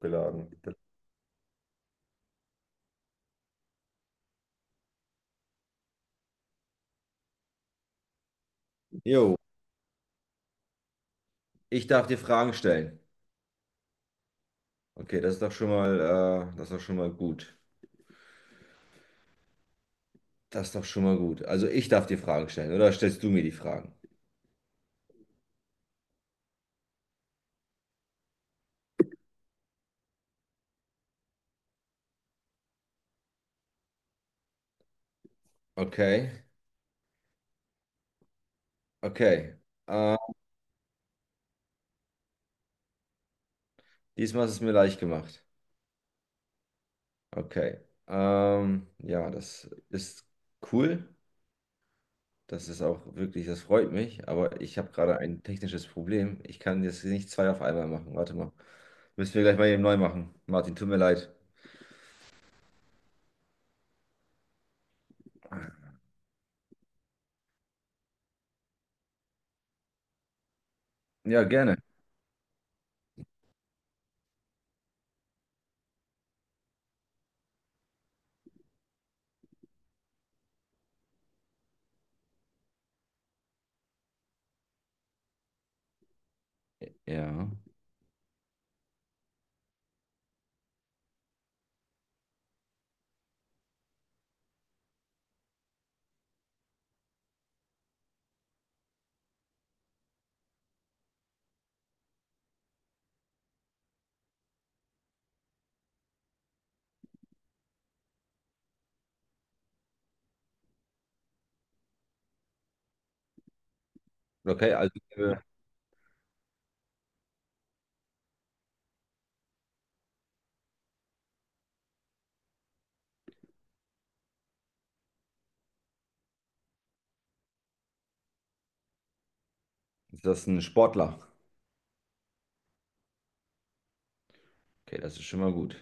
Geladen. Jo, ich darf dir Fragen stellen. Okay, das ist doch schon mal, das ist doch schon mal gut. Das ist doch schon mal gut. Also ich darf dir Fragen stellen, oder stellst du mir die Fragen? Okay, okay. Äh, Diesmal ist es mir leicht gemacht. Okay. Ja, das ist cool. Das ist auch wirklich, das freut mich. Aber ich habe gerade ein technisches Problem. Ich kann jetzt nicht zwei auf einmal machen. Warte mal. Müssen wir gleich mal eben neu machen. Martin, tut mir leid. Ja, gerne. Ja. Okay, äh, ist das ein Sportler? Okay, das ist schon mal gut.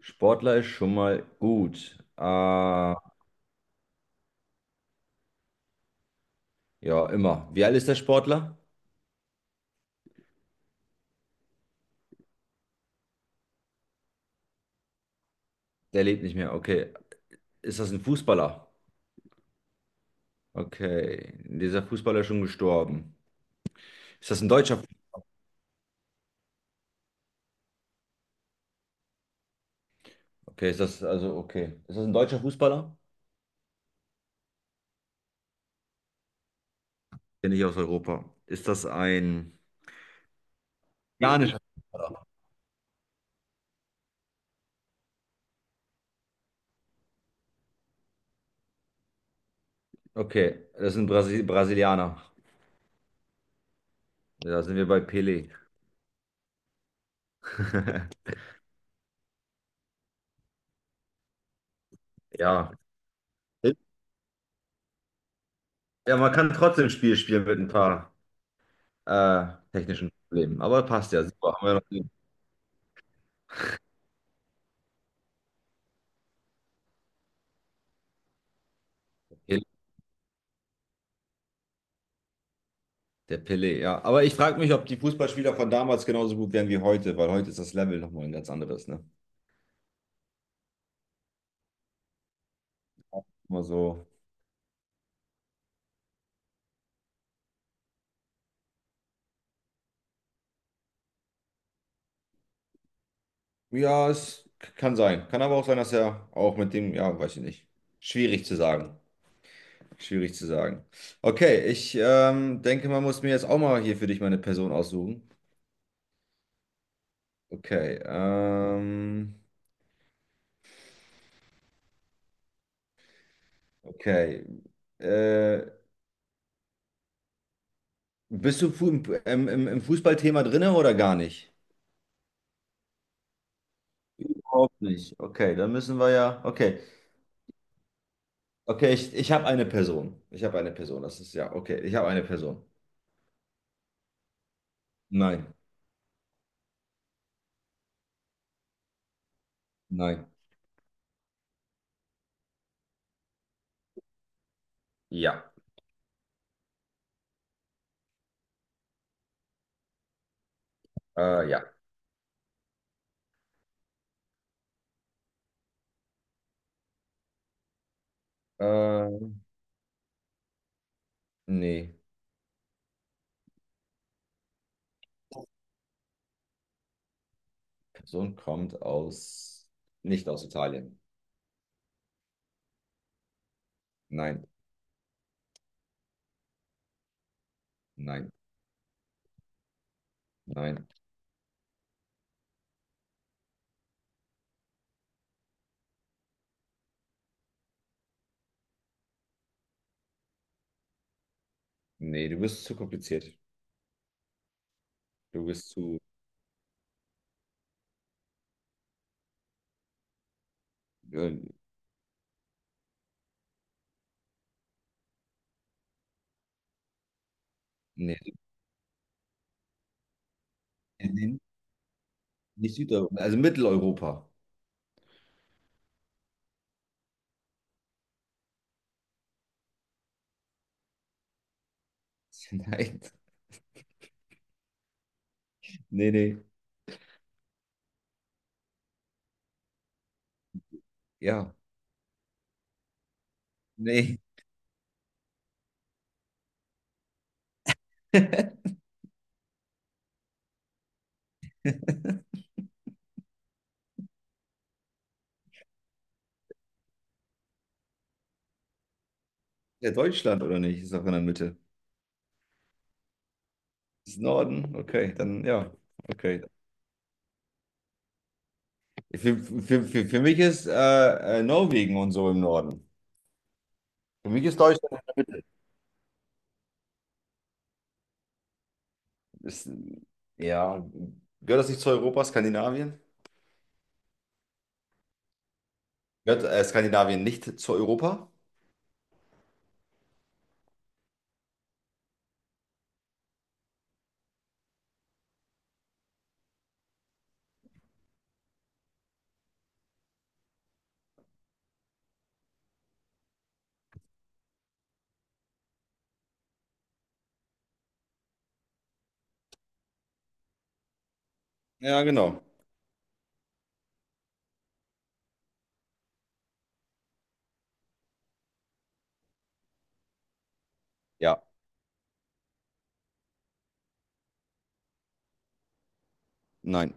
Sportler ist schon mal gut. Ja, immer. Wie alt ist der Sportler? Der lebt nicht mehr. Okay. Ist das ein Fußballer? Okay. Dieser Fußballer ist schon gestorben. Ist das ein deutscher? Okay, ist das also okay. Ist das ein deutscher Fußballer? Bin ich aus Europa. Ist das ein Janischer? Okay, das ist ein Brasilianer. Ja, da sind wir bei Pelé. Ja. Ja, man kann trotzdem ein Spiel spielen mit ein paar. äh, technischen Problemen. Aber passt ja, super. Haben wir noch den Pelé. Der Pelé, ja. Aber ich frage mich, ob die Fußballspieler von damals genauso gut wären wie heute, weil heute ist das Level nochmal ein ganz anderes, ne? Immer so. Ja, es kann sein. Kann aber auch sein, dass er auch mit dem, ja, weiß ich nicht. Schwierig zu sagen. Schwierig zu sagen. Okay, ich denke, man muss mir jetzt auch mal hier für dich meine Person aussuchen. Okay, okay. Äh, Bist du fu im, im Fußballthema drinne oder gar nicht? Überhaupt nicht. Okay, dann müssen wir ja. Okay, okay, ich habe eine Person. Ich habe eine Person. Das ist ja okay. Ich habe eine Person. Nein, nein. Ja, ja. Äh, Nee, Person kommt aus. Nicht aus Italien. Nein, nein, nein. Nee, du bist zu kompliziert. Du bist zu. Äh, Nee, nee, nee, nicht Südeuropa. Also Mitteleuropa. Nein, nee, nee. Ja, nee. Ja, Deutschland oder nicht? Ist doch in der Mitte. Ist Norden? Okay, dann ja. Okay. Für mich ist Norwegen und so im Norden. Für mich ist Deutschland. Ist, ja, gehört das nicht zu Europa, Skandinavien? Gehört Skandinavien nicht zu Europa? Ja, genau. Ja, nein,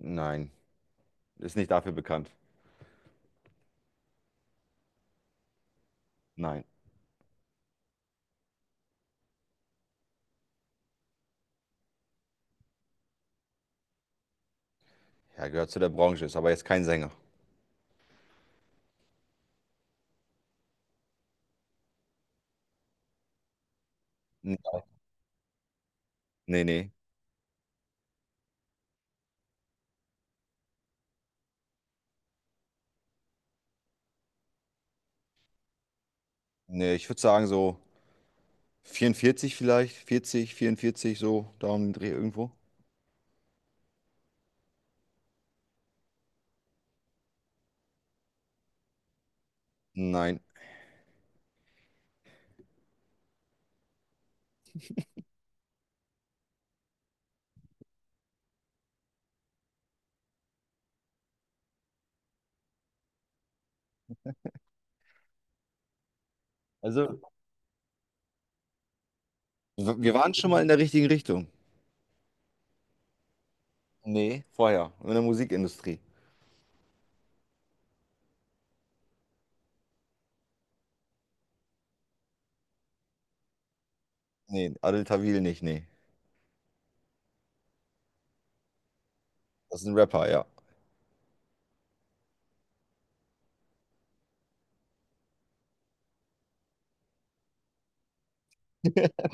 nein. Ist nicht dafür bekannt. Nein. Ja, gehört zu der Branche, ist aber jetzt kein Sänger. Nee, nee. Nee, nee, ich würde sagen so 44 vielleicht, 40, 44 so da um den Dreh irgendwo. Nein. Also, wir waren schon mal in der richtigen Richtung. Ne? Vorher, in der Musikindustrie. Ne, Adel Tawil nicht, ne. Das ist ein Rapper, ja.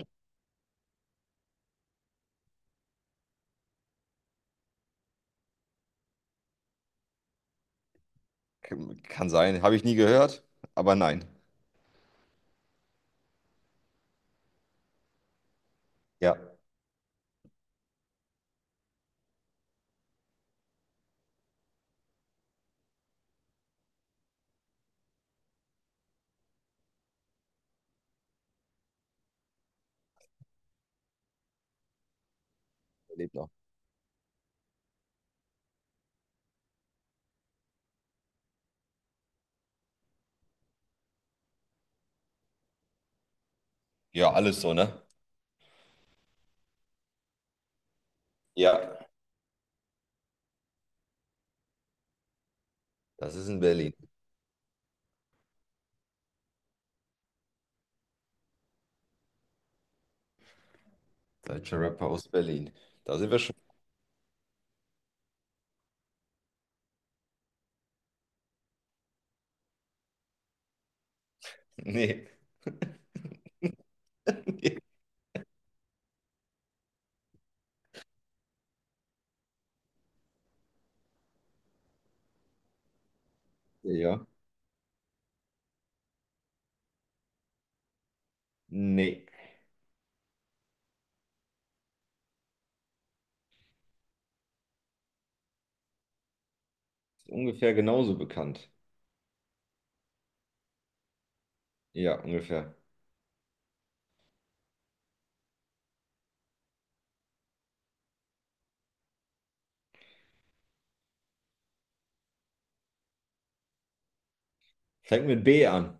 K kann sein, habe ich nie gehört, aber nein. Ja. Der lebt noch. Ja, alles so, ne? Ja. Das ist in Berlin. Deutscher Rapper aus Berlin. Da sind wir schon ne. Ja. Ne. Ungefähr genauso bekannt. Ja, ungefähr. Fängt mit B an.